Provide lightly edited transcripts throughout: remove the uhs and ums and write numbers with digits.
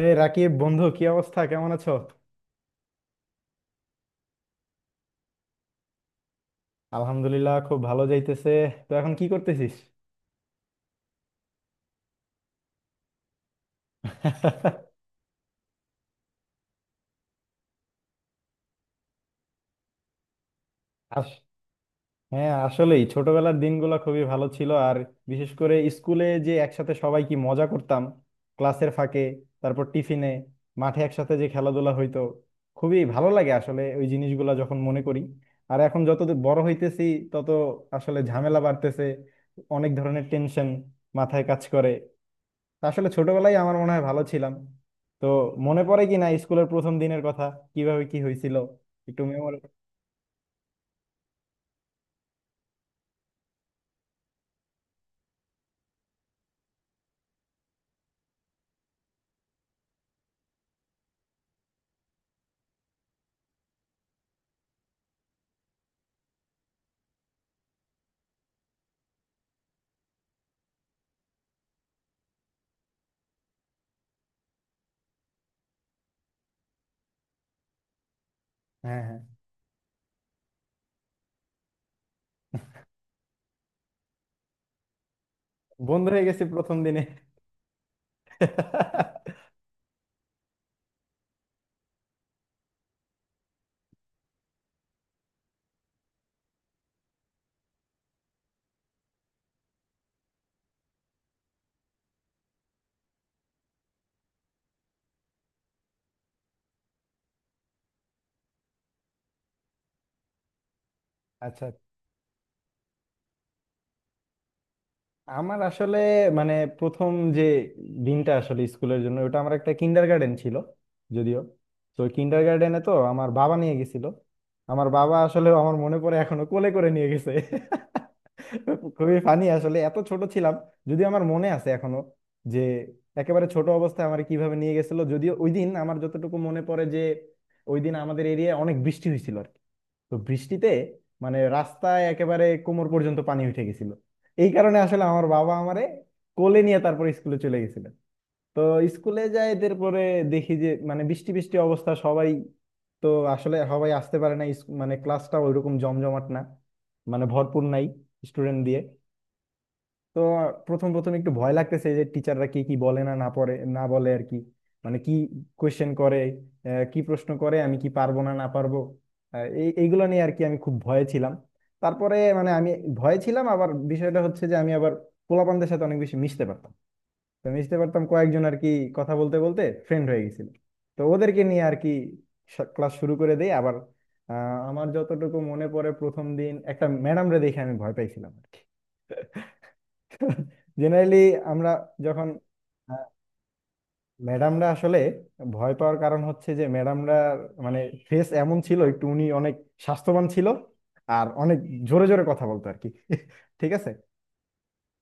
এই রাকিব, বন্ধু কি অবস্থা, কেমন আছো? আলহামদুলিল্লাহ, খুব ভালো যাইতেছে। তো এখন কি করতেছিস? আস- হ্যাঁ, আসলেই ছোটবেলার দিনগুলো খুবই ভালো ছিল। আর বিশেষ করে স্কুলে যে একসাথে সবাই কি মজা করতাম! ক্লাসের ফাঁকে, তারপর টিফিনে, মাঠে একসাথে যে খেলাধুলা হইতো, খুবই ভালো লাগে আসলে ওই জিনিসগুলো যখন মনে করি। আর এখন যত দূর বড় হইতেছি তত আসলে ঝামেলা বাড়তেছে, অনেক ধরনের টেনশন মাথায় কাজ করে। আসলে ছোটবেলায় আমার মনে হয় ভালো ছিলাম। তো মনে পড়ে কি না স্কুলের প্রথম দিনের কথা, কিভাবে কি হয়েছিল, একটু মেমোরি? হ্যাঁ, হ্যাঁ। বন্ধু হয়ে গেছি প্রথম দিনে? আচ্ছা। আমার আসলে মানে প্রথম যে দিনটা আসলে স্কুলের জন্য, ওটা আমার একটা কিন্ডার গার্ডেন ছিল যদিও। তো কিন্ডার গার্ডেনে তো আমার বাবা নিয়ে গেছিল। আমার বাবা আসলে, আমার মনে পড়ে এখনো কোলে করে নিয়ে গেছে। খুবই ফানি আসলে, এত ছোট ছিলাম। যদি আমার মনে আছে এখনো যে একেবারে ছোট অবস্থায় আমার কিভাবে নিয়ে গেছিল। যদিও ওই দিন আমার যতটুকু মনে পড়ে যে ওই দিন আমাদের এরিয়ায় অনেক বৃষ্টি হয়েছিল আর কি। তো বৃষ্টিতে মানে রাস্তায় একেবারে কোমর পর্যন্ত পানি উঠে গেছিল। এই কারণে আসলে আমার বাবা আমারে কোলে নিয়ে তারপর স্কুলে চলে গেছিলেন। তো স্কুলে যাই, তারপরে দেখি যে মানে বৃষ্টি বৃষ্টি অবস্থা সবাই, তো আসলে সবাই আসতে পারে না। মানে ক্লাসটা ওইরকম জমজমাট না, মানে ভরপুর নাই স্টুডেন্ট দিয়ে। তো প্রথম প্রথম একটু ভয় লাগতেছে যে টিচাররা কি কি বলে, না না পড়ে না বলে আর কি, মানে কি কোয়েশ্চেন করে। কি প্রশ্ন করে, আমি কি পারবো না না পারবো, এইগুলো নিয়ে আর কি আমি খুব ভয়ে ছিলাম। তারপরে মানে আমি ভয়ে ছিলাম। আবার বিষয়টা হচ্ছে যে আমি আবার পোলাপানদের সাথে অনেক বেশি মিশতে পারতাম। তো মিশতে পারতাম কয়েকজন আর কি, কথা বলতে বলতে ফ্রেন্ড হয়ে গেছিল। তো ওদেরকে নিয়ে আর কি ক্লাস শুরু করে দেই আবার। আমার যতটুকু মনে পড়ে, প্রথম দিন একটা ম্যাডামরে দেখে আমি ভয় পাইছিলাম আর কি। জেনারেলি আমরা যখন, ম্যাডামরা আসলে ভয় পাওয়ার কারণ হচ্ছে যে ম্যাডামরা মানে ফেস এমন ছিল, একটু উনি অনেক স্বাস্থ্যবান ছিল আর অনেক জোরে জোরে কথা বলতো আর কি। ঠিক আছে।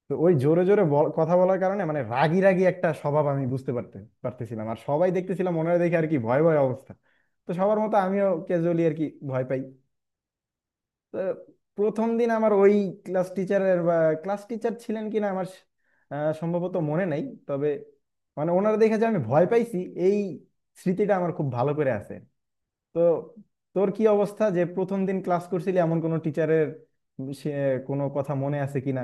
তো ওই জোরে জোরে কথা বলার কারণে মানে রাগী রাগী একটা স্বভাব আমি বুঝতে পারতেছিলাম। আর সবাই দেখতেছিলাম ওনারা দেখে আর কি ভয় ভয় অবস্থা। তো সবার মতো আমিও ক্যাজুয়ালি আর কি ভয় পাই। তো প্রথম দিন আমার ওই ক্লাস টিচারের বা ক্লাস টিচার ছিলেন কিনা আমার সম্ভবত মনে নাই। তবে মানে ওনারা দেখে যে আমি ভয় পাইছি, এই স্মৃতিটা আমার খুব ভালো করে আছে। তো তোর কি অবস্থা, যে প্রথম দিন ক্লাস করছিলি এমন কোনো টিচারের সে কোনো কথা মনে আছে কিনা?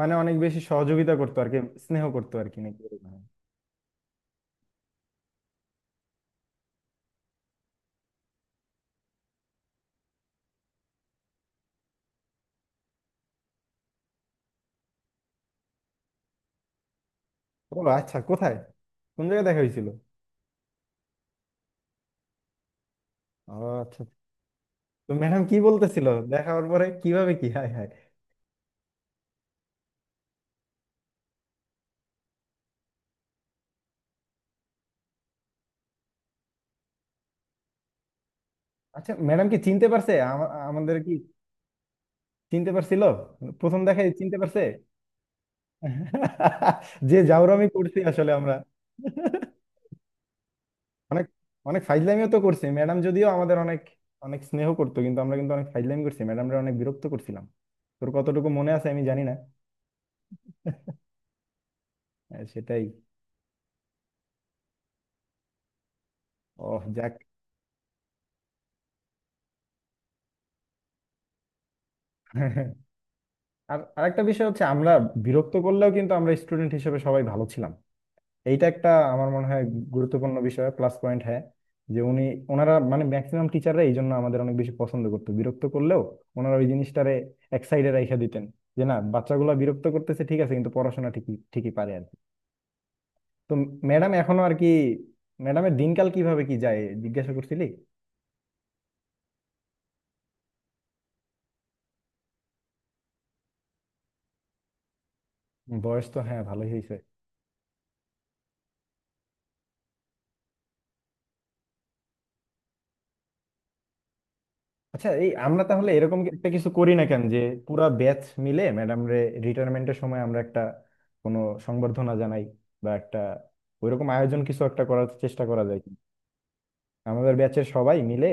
মানে অনেক বেশি সহযোগিতা করতো আর কি, স্নেহ করতো আর কি, নাকি এরকম। ও আচ্ছা, কোথায়? কোন জায়গায় দেখা হয়েছিল? ও আচ্ছা, তো ম্যাডাম কি বলতেছিল দেখা হওয়ার পরে, কিভাবে কি, হায় হায়! আচ্ছা, ম্যাডাম কি চিনতে পারছে আমাদের কি, চিনতে পারছিল? প্রথম দেখায় চিনতে পারছে? যে জাউরামি করছি আসলে আমরা, অনেক অনেক ফাইজলামিও তো করছি ম্যাডাম। যদিও আমাদের অনেক অনেক স্নেহ করতো কিন্তু আমরা কিন্তু অনেক ফাইজলামি করছি, ম্যাডামরা অনেক বিরক্ত করছিলাম। তোর কতটুকু মনে আছে আমি জানি না। সেটাই। ওহ যাক। আর আরেকটা বিষয় হচ্ছে আমরা বিরক্ত করলেও কিন্তু আমরা স্টুডেন্ট হিসেবে সবাই ভালো ছিলাম। এইটা একটা আমার মনে হয় গুরুত্বপূর্ণ বিষয় প্লাস পয়েন্ট, হ্যাঁ। যে উনি ওনারা মানে ম্যাক্সিমাম টিচাররা এই জন্য আমাদের অনেক বেশি পছন্দ করতো, বিরক্ত করলেও ওনারা ওই জিনিসটারে এক সাইডে রাইখা দিতেন যে না, বাচ্চাগুলো বিরক্ত করতেছে ঠিক আছে, কিন্তু পড়াশোনা ঠিকই ঠিকই পারে আর কি। তো ম্যাডাম এখনো আর কি, ম্যাডামের দিনকাল কিভাবে কি যায় জিজ্ঞাসা করছিলি? বয়স তো হ্যাঁ ভালোই হয়েছে। আচ্ছা, এই আমরা তাহলে এরকম একটা কিছু করি না কেন, যে পুরা ব্যাচ মিলে ম্যাডাম রে রিটায়ারমেন্টের সময় আমরা একটা কোনো সংবর্ধনা জানাই, বা একটা ওইরকম আয়োজন কিছু একটা করার চেষ্টা করা যায় কি? আমাদের ব্যাচের সবাই মিলে।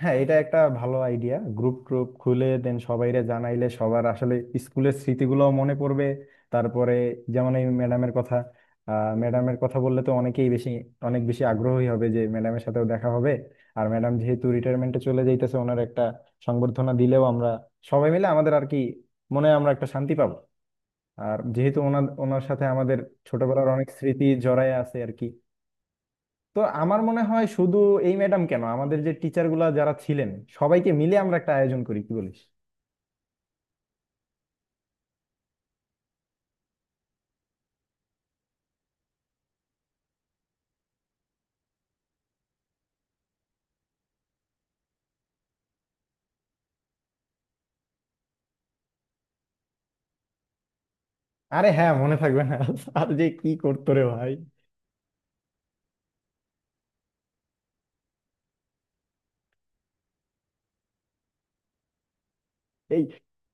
হ্যাঁ, এটা একটা ভালো আইডিয়া। গ্রুপ ট্রুপ খুলে দেন সবাইরে জানাইলে সবার আসলে স্কুলের স্মৃতিগুলো মনে পড়বে। তারপরে যেমন এই ম্যাডামের কথা, ম্যাডামের কথা বললে তো অনেকেই বেশি অনেক বেশি আগ্রহী হবে যে ম্যাডামের সাথেও দেখা হবে। আর ম্যাডাম যেহেতু রিটায়ারমেন্টে চলে যাইতেছে, ওনার একটা সংবর্ধনা দিলেও আমরা সবাই মিলে আমাদের আর কি মনে হয় আমরা একটা শান্তি পাবো। আর যেহেতু ওনার ওনার সাথে আমাদের ছোটবেলার অনেক স্মৃতি জড়ায় আছে আর কি। তো আমার মনে হয় শুধু এই ম্যাডাম কেন, আমাদের যে টিচার গুলা যারা ছিলেন সবাইকে মিলে আমরা একটা আয়োজন করি, কি বলিস? আরে হ্যাঁ, মনে থাকবে না? আর যে কি করতো রে ভাই! এই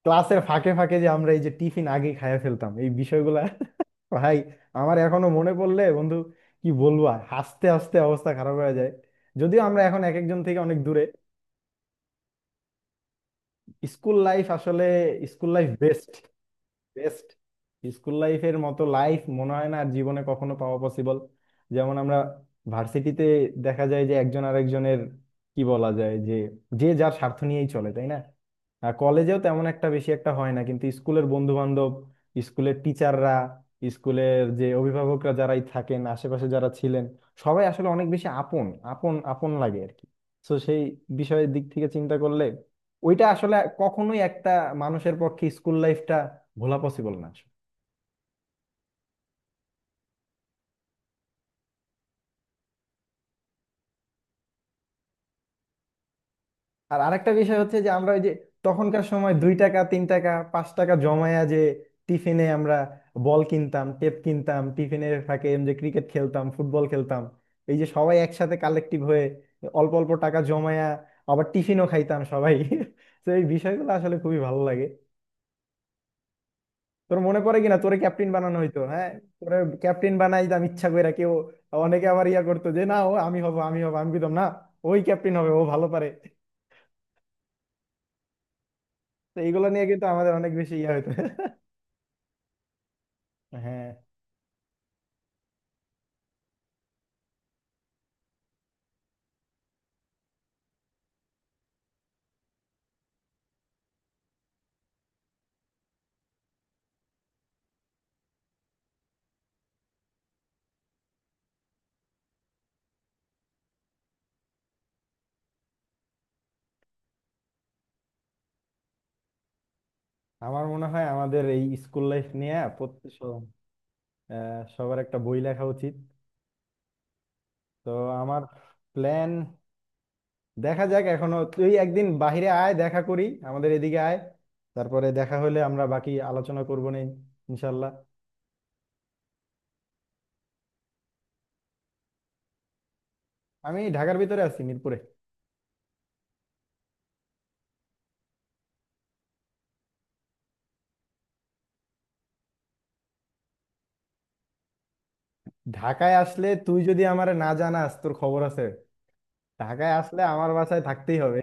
ক্লাসের ফাঁকে ফাঁকে যে আমরা এই যে টিফিন আগে খাইয়া ফেলতাম, এই বিষয়গুলা ভাই, আমার এখনো মনে পড়লে বন্ধু কি বলবো আর, হাসতে হাসতে অবস্থা খারাপ হয়ে যায়। যদিও আমরা এখন এক একজন থেকে অনেক দূরে, স্কুল লাইফ আসলে, school life best. Best school লাইফের মতো লাইফ মনে হয় না আর জীবনে কখনো পাওয়া পসিবল। যেমন আমরা ভার্সিটিতে দেখা যায় যে একজন আরেকজনের কি বলা যায় যে, যে যার স্বার্থ নিয়েই চলে, তাই না? আর কলেজেও তেমন একটা বেশি একটা হয় না, কিন্তু স্কুলের বন্ধু বান্ধব, স্কুলের টিচাররা, স্কুলের যে অভিভাবকরা যারাই থাকেন আশেপাশে যারা ছিলেন, সবাই আসলে অনেক বেশি আপন আপন আপন লাগে আর কি। তো সেই বিষয়ের দিক থেকে চিন্তা করলে ওইটা আসলে কখনোই একটা মানুষের পক্ষে স্কুল লাইফটা ভোলা পসিবল না আসলে। আর আরেকটা বিষয় হচ্ছে যে আমরা ওই যে তখনকার সময় দুই টাকা তিন টাকা পাঁচ টাকা জমায়া যে টিফিনে আমরা বল কিনতাম, টেপ কিনতাম, টিফিনের ফাঁকে এম যে ক্রিকেট খেলতাম, ফুটবল খেলতাম, এই যে সবাই একসাথে কালেক্টিভ হয়ে অল্প অল্প টাকা জমায়া আবার টিফিনও খাইতাম সবাই। তো এই বিষয়গুলো আসলে খুবই ভালো লাগে। তোর মনে পড়ে কিনা তোরে ক্যাপ্টেন বানানো হইতো, হ্যাঁ? তোরে ক্যাপ্টেন বানাই দাম ইচ্ছা কইরা কেউ। অনেকে আবার ইয়া করতো যে না, ও আমি হব আমি হব, আমি কইতাম না, ওই ক্যাপ্টেন হবে, ও ভালো পারে। তো এইগুলো নিয়ে কিন্তু আমাদের অনেক বেশি ইয়া হইতো। হ্যাঁ। আমার মনে হয় আমাদের এই স্কুল লাইফ নিয়ে সবার একটা বই লেখা উচিত। তো আমার প্ল্যান দেখা যাক, এখনো তুই একদিন বাইরে আয় দেখা করি, আমাদের এদিকে আয়, তারপরে দেখা হলে আমরা বাকি আলোচনা করবো নি, ইনশাল্লাহ। আমি ঢাকার ভিতরে আছি, মিরপুরে। ঢাকায় আসলে তুই যদি আমার না জানাস তোর খবর আছে। ঢাকায় আসলে আমার বাসায় থাকতেই হবে।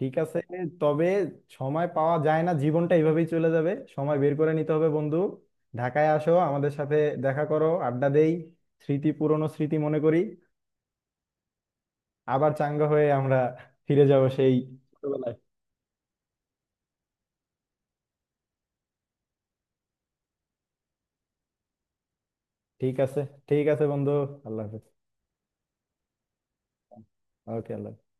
ঠিক আছে, তবে সময় পাওয়া যায় না জীবনটা এইভাবেই চলে যাবে, সময় বের করে নিতে হবে বন্ধু। ঢাকায় আসো, আমাদের সাথে দেখা করো, আড্ডা দেই, স্মৃতি পুরনো স্মৃতি মনে করি, আবার চাঙ্গা হয়ে আমরা ফিরে যাব সেই ছোটবেলায়। ঠিক আছে, ঠিক আছে বন্ধু, আল্লাহ হাফেজ। ওকে আল্লাহ হাফেজ।